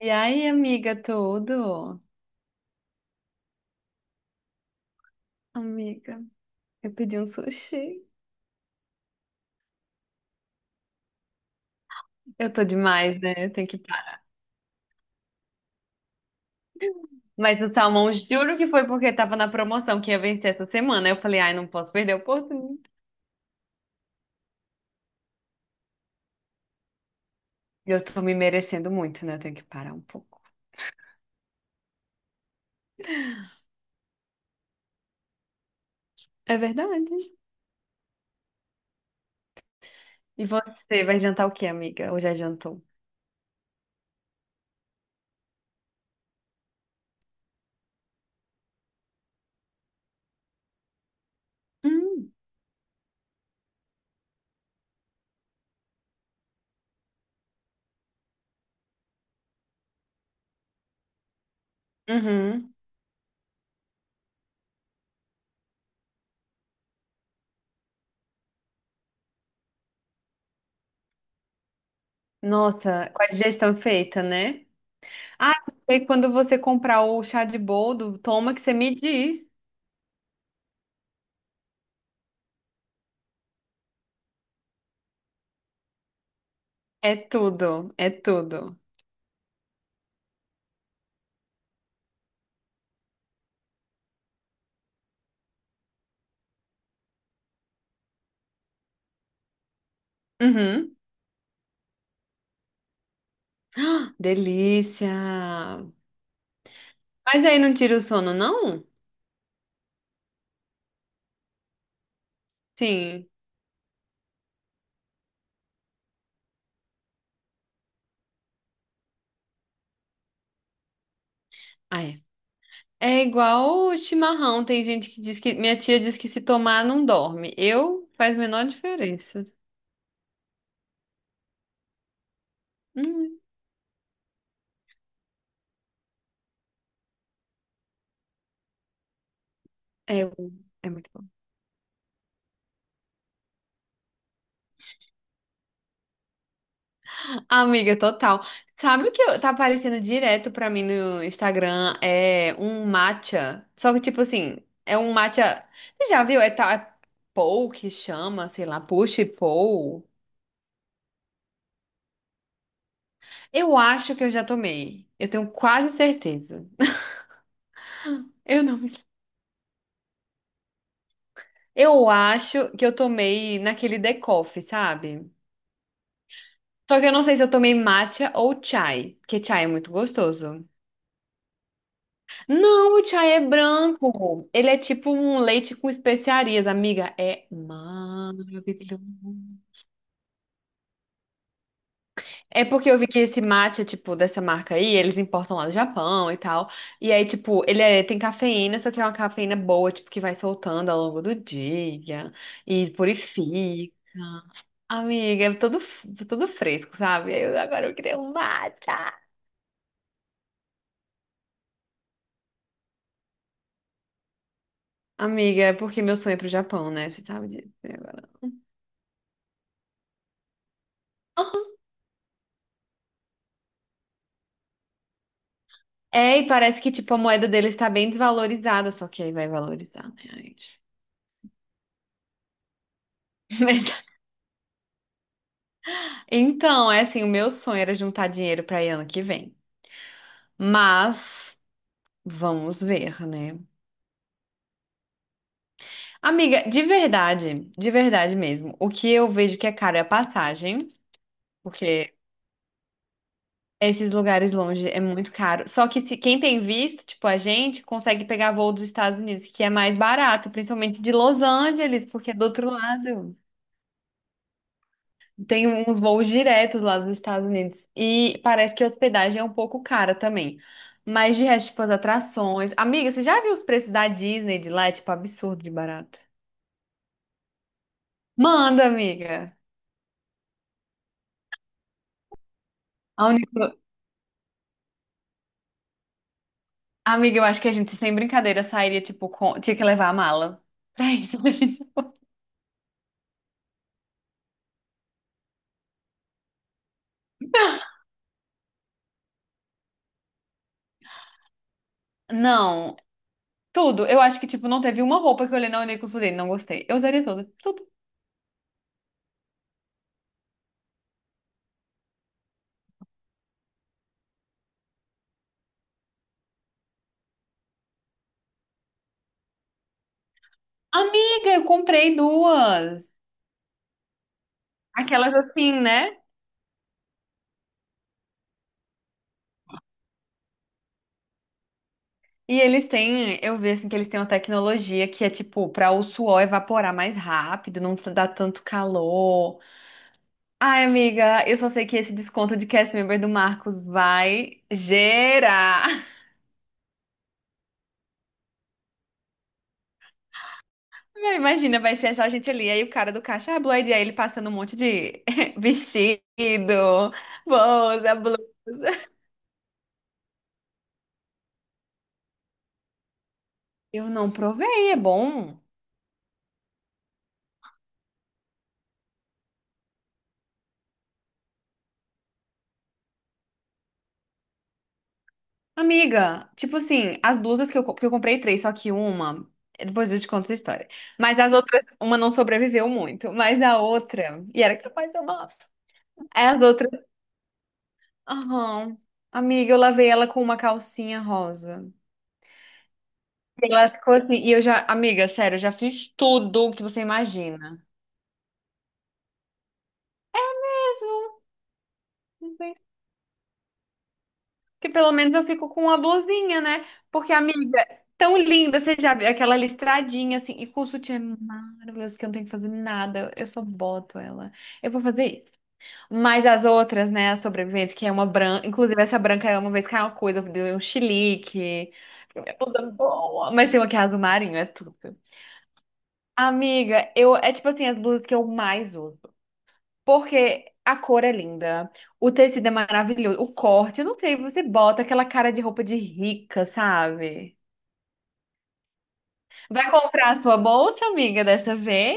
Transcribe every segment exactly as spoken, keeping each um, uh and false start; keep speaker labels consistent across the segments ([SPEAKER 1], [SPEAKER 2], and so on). [SPEAKER 1] E aí, amiga, tudo? Amiga, eu pedi um sushi. Eu tô demais, né? Eu tenho que parar. Mas o salmão, juro que foi porque tava na promoção que ia vencer essa semana. Eu falei, ai, não posso perder a oportunidade. E Eu tô me merecendo muito, né? Eu tenho que parar um pouco. É verdade. E você, vai jantar o quê, amiga? Ou já jantou? Hum. Uhum. Nossa, com a digestão feita, né? Ah, e quando você comprar o chá de boldo, toma que você me diz. É tudo, é tudo. Uhum. Ah, delícia! Mas aí não tira o sono, não? Sim. Ah, é. É igual o chimarrão. Tem gente que diz que. Minha tia diz que se tomar não dorme. Eu faz a menor diferença. Hum, é, é muito bom. Amiga, total. Sabe o que eu- tá aparecendo direto pra mim no Instagram? É um matcha. Só que, tipo assim, é um matcha. Você já viu? É, tal é Pou que chama, sei lá, Push Pou. Eu acho que eu já tomei. Eu tenho quase certeza. Eu não. Eu acho que eu tomei naquele The Coffee, sabe? Só que eu não sei se eu tomei matcha ou chai, porque chai é muito gostoso. Não, o chai é branco. Ele é tipo um leite com especiarias, amiga. É maravilhoso. É porque eu vi que esse matcha, tipo, dessa marca aí, eles importam lá do Japão e tal. E aí, tipo, ele é- tem cafeína, só que é uma cafeína boa, tipo, que vai soltando ao longo do dia e purifica. Amiga, é tudo, tudo fresco, sabe? Aí Eu, agora eu queria um matcha. Amiga, é porque meu sonho é pro Japão, né? Você sabe disso né, agora. Aham. É, e parece que, tipo, a moeda deles tá bem desvalorizada, só que aí vai valorizar, né, gente? Mas, então, é assim, o meu sonho era juntar dinheiro pra ir ano que vem. Mas vamos ver, né? Amiga, de verdade, de verdade mesmo, o que eu vejo que é caro é a passagem, porque esses lugares longe é muito caro. Só que se quem tem visto, tipo a gente, consegue pegar voo dos Estados Unidos, que é mais barato, principalmente de Los Angeles, porque é do outro lado. Tem uns voos diretos lá dos Estados Unidos. E parece que a hospedagem é um pouco cara também. Mas de resto, tipo, as atrações. Amiga, você já viu os preços da Disney de lá? É, tipo, absurdo de barato. Manda, amiga. A única... Amiga, eu acho que a gente, sem brincadeira, sairia, tipo, com... tinha que levar a mala. Pra isso. Não, tudo. Eu acho que, tipo, não teve uma roupa que eu olhei na Uniqlo e falei, não gostei. Eu usaria todas. Tudo. Amiga, eu comprei duas. Aquelas assim, né? E eles têm, eu vi assim que eles têm uma tecnologia que é tipo pra o suor evaporar mais rápido, não dá tanto calor. Ai, amiga, eu só sei que esse desconto de cast member do Marcos vai gerar. Imagina, vai ser só a gente ali. Aí o cara do caixa, ah, Blue I D, aí ele passando um monte de vestido, bolsa, blusa. Eu não provei, é bom. Amiga, tipo assim, as blusas que eu, co- que eu comprei três, só que uma, depois eu te conto essa história. Mas as outras, uma não sobreviveu muito, mas a outra, e era capaz de uma lavar. Aí as outras, aham. Amiga, eu lavei ela com uma calcinha rosa. E Ela ficou assim, e eu já, amiga, sério, eu já fiz tudo que você imagina. Mesmo. Que pelo menos eu fico com uma blusinha, né? Porque, amiga, tão linda, você já viu aquela listradinha assim, e com o sutiã é maravilhoso, que eu não tenho que fazer nada, eu só boto ela. Eu vou fazer isso. Mas as outras, né, as sobreviventes, que é uma branca, inclusive essa branca é uma vez que é uma coisa, deu um chilique, é toda boa, mas tem uma que é azul marinho, é tudo. Amiga, eu, é tipo assim, as blusas que eu mais uso. Porque a cor é linda, o tecido é maravilhoso, o corte, eu não sei, você bota aquela cara de roupa de rica, sabe? Vai comprar a sua bolsa, amiga, dessa vez?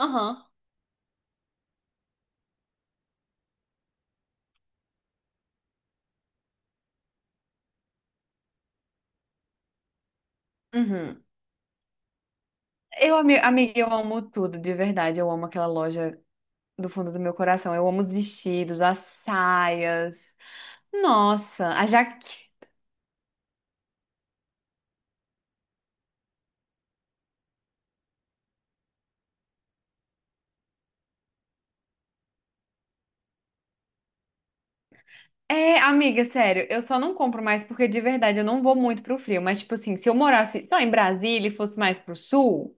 [SPEAKER 1] Aham. Uhum. Eu, ami- amiga, eu amo tudo, de verdade. Eu amo aquela loja do fundo do meu coração. Eu amo os vestidos, as saias. Nossa, a jaque. É, amiga, sério, eu só não compro mais porque de verdade eu não vou muito pro frio. Mas, tipo assim, se eu morasse só em Brasília e fosse mais pro sul.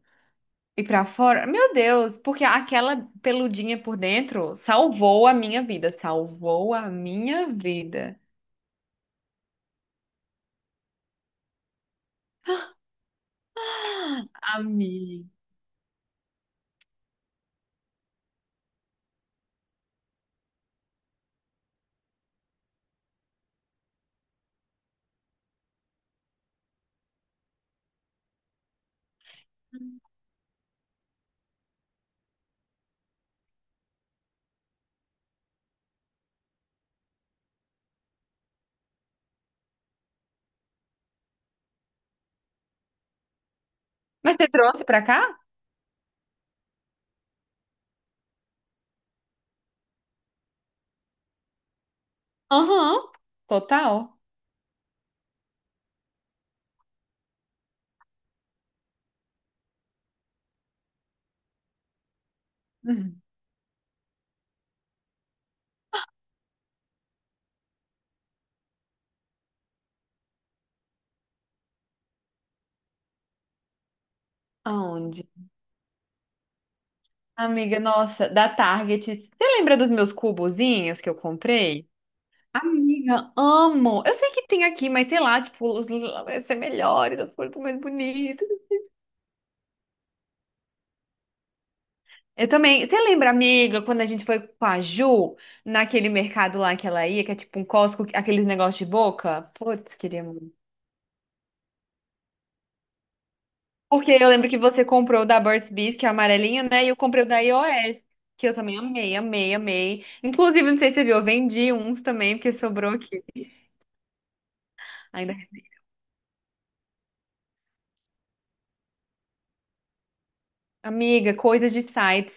[SPEAKER 1] E pra fora? Meu Deus, porque aquela peludinha por dentro salvou a minha vida. Salvou a minha vida. Amiga. Mas você trouxe pra cá? Aham, total. Uhum. Aonde? Amiga, nossa, da Target. Você lembra dos meus cubozinhos que eu comprei? Amiga, amo. Eu sei que tem aqui, mas sei lá, tipo, os vai ser melhores, as coisas mais bonitas. Eu também. Você lembra, amiga, quando a gente foi com a Ju naquele mercado lá que ela ia, que é tipo um Costco, aqueles negócios de boca? Putz, queria muito. Porque eu lembro que você comprou o da Burt's Bees, que é amarelinho, né? E eu comprei o da iOS, que eu também amei, amei, amei. Inclusive, não sei se você viu, eu vendi uns também, porque sobrou aqui. Ainda. Amiga, coisas de sites.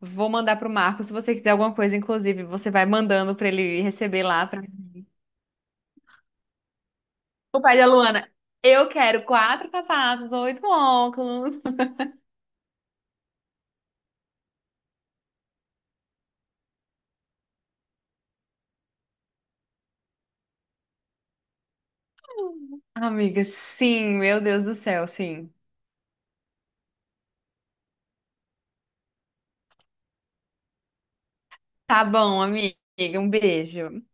[SPEAKER 1] Vou mandar pro Marco. Se você quiser alguma coisa, inclusive, você vai mandando pra ele receber lá. Pra... O pai da Luana. Eu quero quatro sapatos, oito óculos. Amiga, sim, meu Deus do céu, sim. Tá bom, amiga, um beijo.